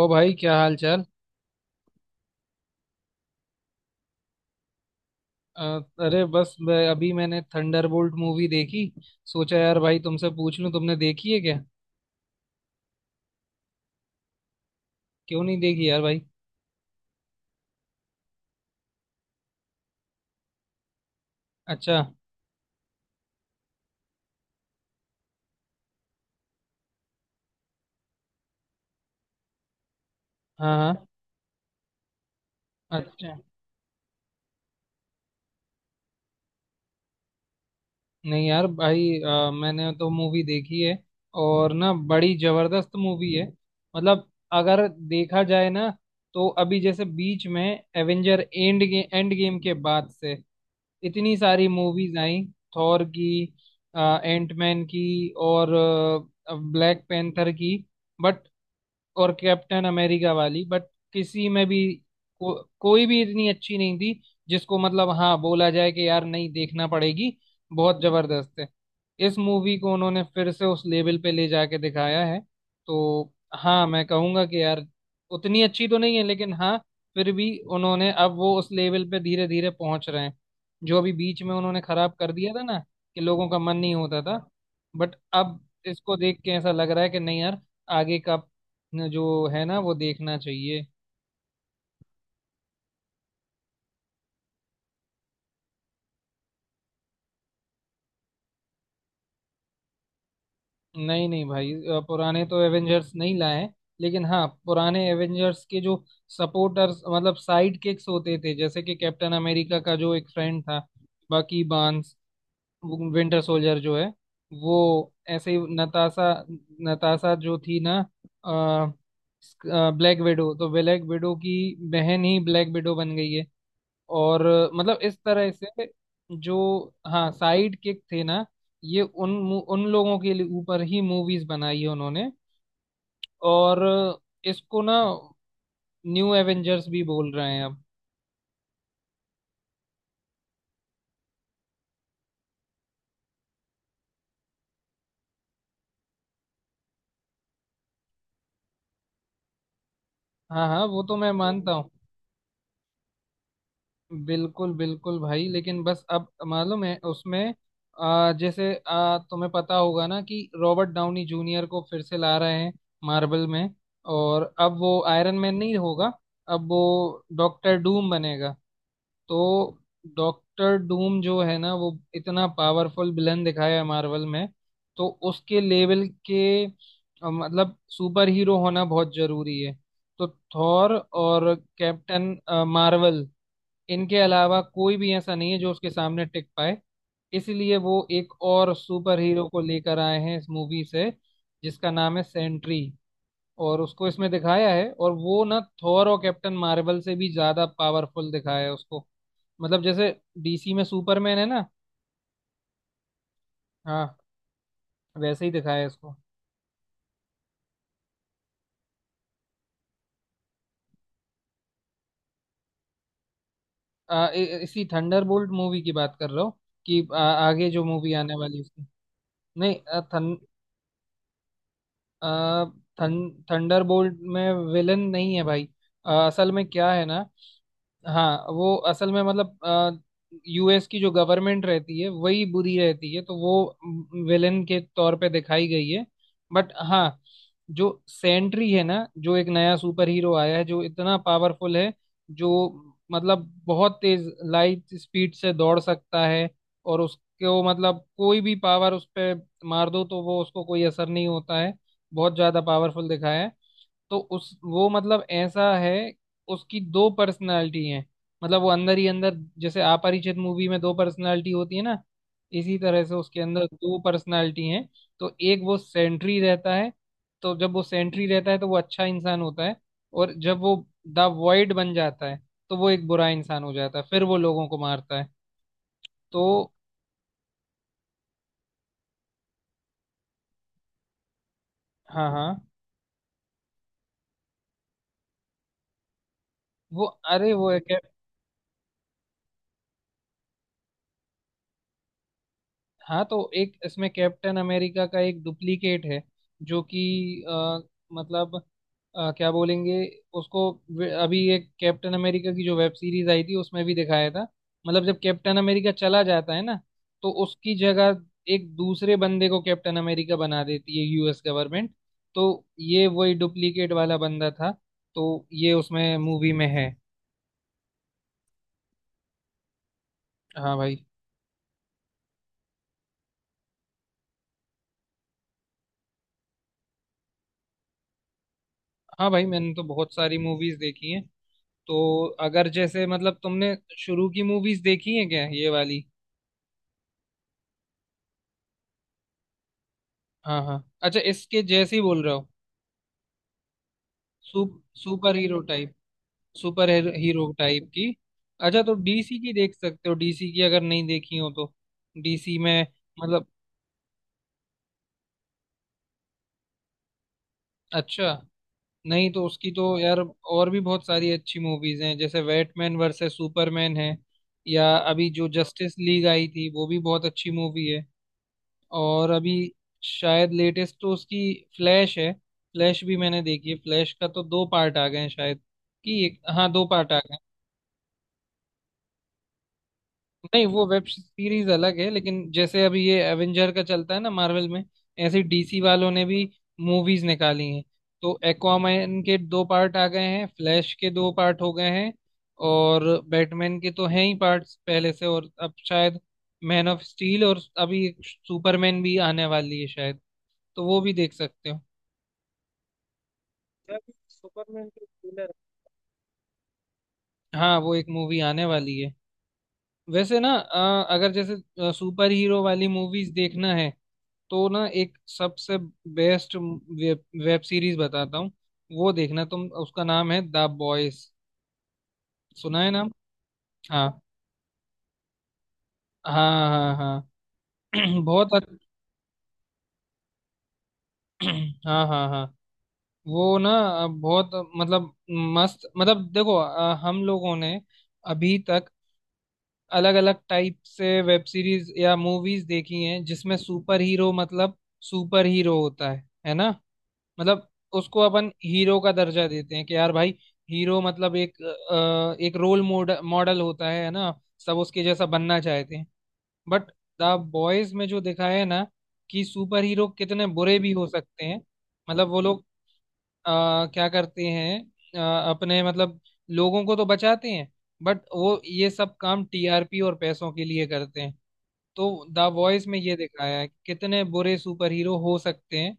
ओ भाई क्या हाल चाल। अ, अरे बस अभी मैंने थंडरबोल्ट मूवी देखी। सोचा यार भाई तुमसे पूछ लूं तुमने देखी है क्या। क्यों नहीं देखी यार भाई। अच्छा। हाँ हाँ। अच्छा। नहीं यार भाई, मैंने तो मूवी देखी है। और ना बड़ी जबरदस्त मूवी है। मतलब अगर देखा जाए ना, तो अभी जैसे बीच में एवेंजर एंड गेम के बाद से इतनी सारी मूवीज आई। थॉर की, एंटमैन की, और ब्लैक पैंथर की, बट और कैप्टन अमेरिका वाली। बट किसी में भी कोई भी इतनी अच्छी नहीं थी जिसको मतलब हाँ बोला जाए कि यार नहीं देखना पड़ेगी, बहुत जबरदस्त है। इस मूवी को उन्होंने फिर से उस लेवल पे ले जाके दिखाया है। तो हाँ मैं कहूँगा कि यार उतनी अच्छी तो नहीं है, लेकिन हाँ फिर भी उन्होंने अब वो उस लेवल पे धीरे धीरे पहुंच रहे हैं, जो अभी बीच में उन्होंने खराब कर दिया था ना, कि लोगों का मन नहीं होता था। बट अब इसको देख के ऐसा लग रहा है कि नहीं यार, आगे का न जो है ना वो देखना चाहिए। नहीं नहीं भाई, पुराने तो एवेंजर्स नहीं लाए हैं, लेकिन हाँ पुराने एवेंजर्स के जो सपोर्टर्स मतलब साइड किक्स होते थे, जैसे कि कैप्टन अमेरिका का जो एक फ्रेंड था, बाकी बांस विंटर सोल्जर जो है वो, ऐसे ही नताशा। नताशा जो थी ना ब्लैक विडो, तो ब्लैक विडो की बहन ही ब्लैक विडो बन गई है। और मतलब इस तरह से जो, हाँ साइड किक थे ना, ये उन उन लोगों के लिए ऊपर ही मूवीज बनाई है उन्होंने। और इसको ना न्यू एवेंजर्स भी बोल रहे हैं अब। हाँ हाँ वो तो मैं मानता हूँ। बिल्कुल बिल्कुल भाई, लेकिन बस अब मालूम है उसमें जैसे, तुम्हें पता होगा ना कि रॉबर्ट डाउनी जूनियर को फिर से ला रहे हैं मार्वल में। और अब वो आयरन मैन नहीं होगा, अब वो डॉक्टर डूम बनेगा। तो डॉक्टर डूम जो है ना वो इतना पावरफुल विलन दिखाया है मार्वल में। तो उसके लेवल के मतलब सुपर हीरो होना बहुत जरूरी है। तो थॉर और कैप्टन मार्वल, इनके अलावा कोई भी ऐसा नहीं है जो उसके सामने टिक पाए। इसलिए वो एक और सुपर हीरो को लेकर आए हैं इस मूवी से, जिसका नाम है सेंट्री। और उसको इसमें दिखाया है, और वो ना थॉर और कैप्टन मार्वल से भी ज्यादा पावरफुल दिखाया है उसको। मतलब जैसे डीसी में सुपरमैन है ना, हाँ वैसे ही दिखाया है इसको। आ, इ, इसी थंडरबोल्ट मूवी की बात कर रहा हूँ, कि आगे जो मूवी आने वाली है उसकी। नहीं, आ, थंडरबोल्ट में विलन नहीं है भाई। असल में क्या है ना, हाँ वो असल में मतलब यूएस की जो गवर्नमेंट रहती है वही बुरी रहती है, तो वो विलेन के तौर पे दिखाई गई है। बट हाँ, जो सेंट्री है ना, जो एक नया सुपर हीरो आया है, जो इतना पावरफुल है, जो मतलब बहुत तेज लाइट स्पीड से दौड़ सकता है। और उसको मतलब कोई भी पावर उस पे मार दो तो वो, उसको कोई असर नहीं होता है। बहुत ज्यादा पावरफुल दिखाया है। तो उस वो मतलब ऐसा है, उसकी दो पर्सनालिटी हैं। मतलब वो अंदर ही अंदर, जैसे अपरिचित मूवी में दो पर्सनालिटी होती है ना, इसी तरह से उसके अंदर दो पर्सनालिटी हैं। तो एक वो सेंट्री रहता है। तो जब वो सेंट्री रहता है तो वो अच्छा इंसान होता है, और जब वो द वॉइड बन जाता है तो वो एक बुरा इंसान हो जाता है, फिर वो लोगों को मारता है। तो। हाँ हाँ। वो, अरे वो है। हाँ तो एक इसमें कैप्टन अमेरिका का एक डुप्लीकेट है, जो कि मतलब क्या बोलेंगे उसको। अभी एक कैप्टन अमेरिका की जो वेब सीरीज आई थी उसमें भी दिखाया था। मतलब जब कैप्टन अमेरिका चला जाता है ना, तो उसकी जगह एक दूसरे बंदे को कैप्टन अमेरिका बना देती है यूएस गवर्नमेंट। तो ये वही डुप्लीकेट वाला बंदा था, तो ये उसमें मूवी में है। हाँ भाई। हाँ भाई, मैंने तो बहुत सारी मूवीज देखी हैं। तो अगर जैसे, मतलब तुमने शुरू की मूवीज देखी है क्या ये वाली। हाँ हाँ, अच्छा इसके जैसे ही बोल रहे हो। Super hero type, super hero type की। अच्छा तो डीसी की देख सकते हो, डीसी की अगर नहीं देखी हो तो। डीसी में मतलब, अच्छा, नहीं तो उसकी तो यार और भी बहुत सारी अच्छी मूवीज हैं, जैसे बैटमैन वर्सेस सुपरमैन है, या अभी जो जस्टिस लीग आई थी वो भी बहुत अच्छी मूवी है। और अभी शायद लेटेस्ट तो उसकी फ्लैश है। फ्लैश भी मैंने देखी है, फ्लैश का तो दो पार्ट आ गए हैं शायद, कि एक, हाँ दो पार्ट आ गए हैं। नहीं वो वेब सीरीज अलग है, लेकिन जैसे अभी ये एवेंजर का चलता है ना मार्वल में, ऐसे डीसी वालों ने भी मूवीज निकाली हैं। तो एक्वामैन के दो पार्ट आ गए हैं, फ्लैश के दो पार्ट हो गए हैं। और बैटमैन के तो हैं ही पार्ट्स पहले से, और अब शायद मैन ऑफ स्टील, और अभी सुपरमैन भी आने वाली है शायद, तो वो भी देख सकते हो। यार सुपरमैन के ट्रेलर, हाँ वो एक मूवी आने वाली है। वैसे ना, अगर जैसे सुपर हीरो वाली मूवीज देखना है, तो ना एक सबसे बेस्ट वेब सीरीज बताता हूँ। वो देखना तुम, उसका नाम है द बॉयज। सुना है नाम। हाँ हाँ हाँ हाँ। बहुत अच्छ- हाँ हाँ हाँ। वो ना बहुत मतलब मस्त, मतलब देखो हम लोगों ने अभी तक अलग अलग टाइप से वेब सीरीज या मूवीज देखी हैं, जिसमें सुपर हीरो, मतलब सुपर हीरो होता है ना, मतलब उसको अपन हीरो का दर्जा देते हैं कि यार भाई। हीरो मतलब एक, एक रोल मॉडल मॉडल होता है ना, सब उसके जैसा बनना चाहते हैं। बट द बॉयज में जो दिखाया है ना, कि सुपर हीरो कितने बुरे भी हो सकते हैं। मतलब वो लोग क्या करते हैं, अपने मतलब लोगों को तो बचाते हैं, बट वो ये सब काम टीआरपी और पैसों के लिए करते हैं। तो द वॉइस में ये दिखाया है कि कितने बुरे सुपर हीरो हो सकते हैं।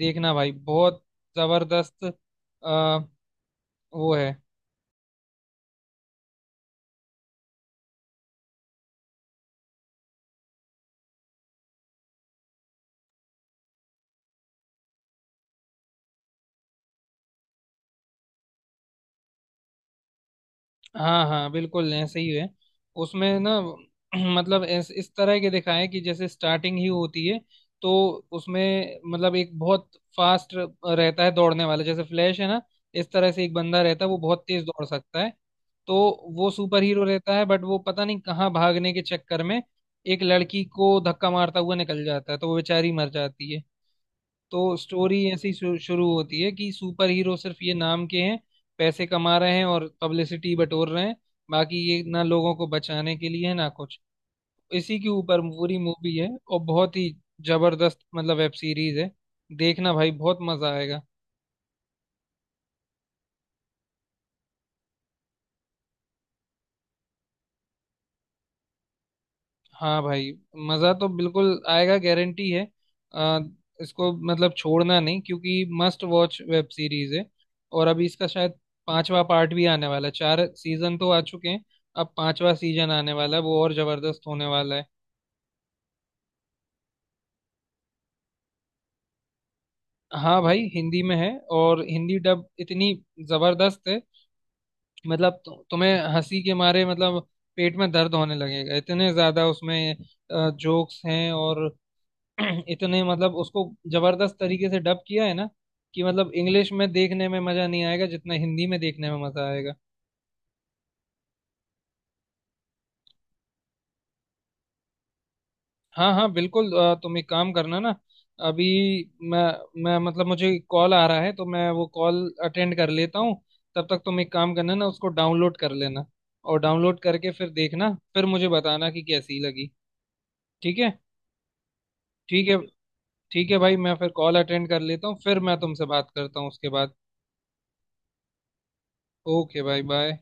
देखना भाई, बहुत जबरदस्त अ, वो है। हाँ हाँ बिल्कुल ऐसे ही है। उसमें ना मतलब इस तरह के दिखाया है, कि जैसे स्टार्टिंग ही होती है तो उसमें मतलब एक बहुत फास्ट रहता है दौड़ने वाला, जैसे फ्लैश है ना, इस तरह से एक बंदा रहता है वो बहुत तेज दौड़ सकता है। तो वो सुपर हीरो रहता है, बट वो पता नहीं कहाँ भागने के चक्कर में एक लड़की को धक्का मारता हुआ निकल जाता है, तो वो बेचारी मर जाती है। तो स्टोरी ऐसी शुरू होती है कि सुपर हीरो सिर्फ ये नाम के हैं, पैसे कमा रहे हैं और पब्लिसिटी बटोर रहे हैं, बाकी ये ना लोगों को बचाने के लिए है ना कुछ। इसी के ऊपर पूरी मूवी है, और बहुत ही जबरदस्त मतलब वेब सीरीज है। देखना भाई, बहुत मजा आएगा। हाँ भाई, मज़ा तो बिल्कुल आएगा, गारंटी है। आ, इसको मतलब छोड़ना नहीं, क्योंकि मस्ट वॉच वेब सीरीज है। और अभी इसका शायद पांचवा पार्ट भी आने वाला है, चार सीजन तो आ चुके हैं, अब पांचवा सीजन आने वाला है, वो और जबरदस्त होने वाला है। हाँ भाई हिंदी में है, और हिंदी डब इतनी जबरदस्त है, मतलब तुम्हें हंसी के मारे मतलब पेट में दर्द होने लगेगा, इतने ज्यादा उसमें जोक्स हैं। और इतने, मतलब उसको जबरदस्त तरीके से डब किया है ना, कि मतलब इंग्लिश में देखने में मजा नहीं आएगा जितना हिंदी में देखने में मजा आएगा। हाँ हाँ बिल्कुल। तुम एक काम करना ना। अभी मैं मैं मतलब मुझे कॉल आ रहा है, तो मैं वो कॉल अटेंड कर लेता हूँ। तब तक तुम एक काम करना ना, उसको डाउनलोड कर लेना, और डाउनलोड करके फिर देखना, फिर मुझे बताना कि कैसी लगी। ठीक है। ठीक है। ठीक है भाई, मैं फिर कॉल अटेंड कर लेता हूँ, फिर मैं तुमसे बात करता हूँ उसके बाद। ओके भाई बाय।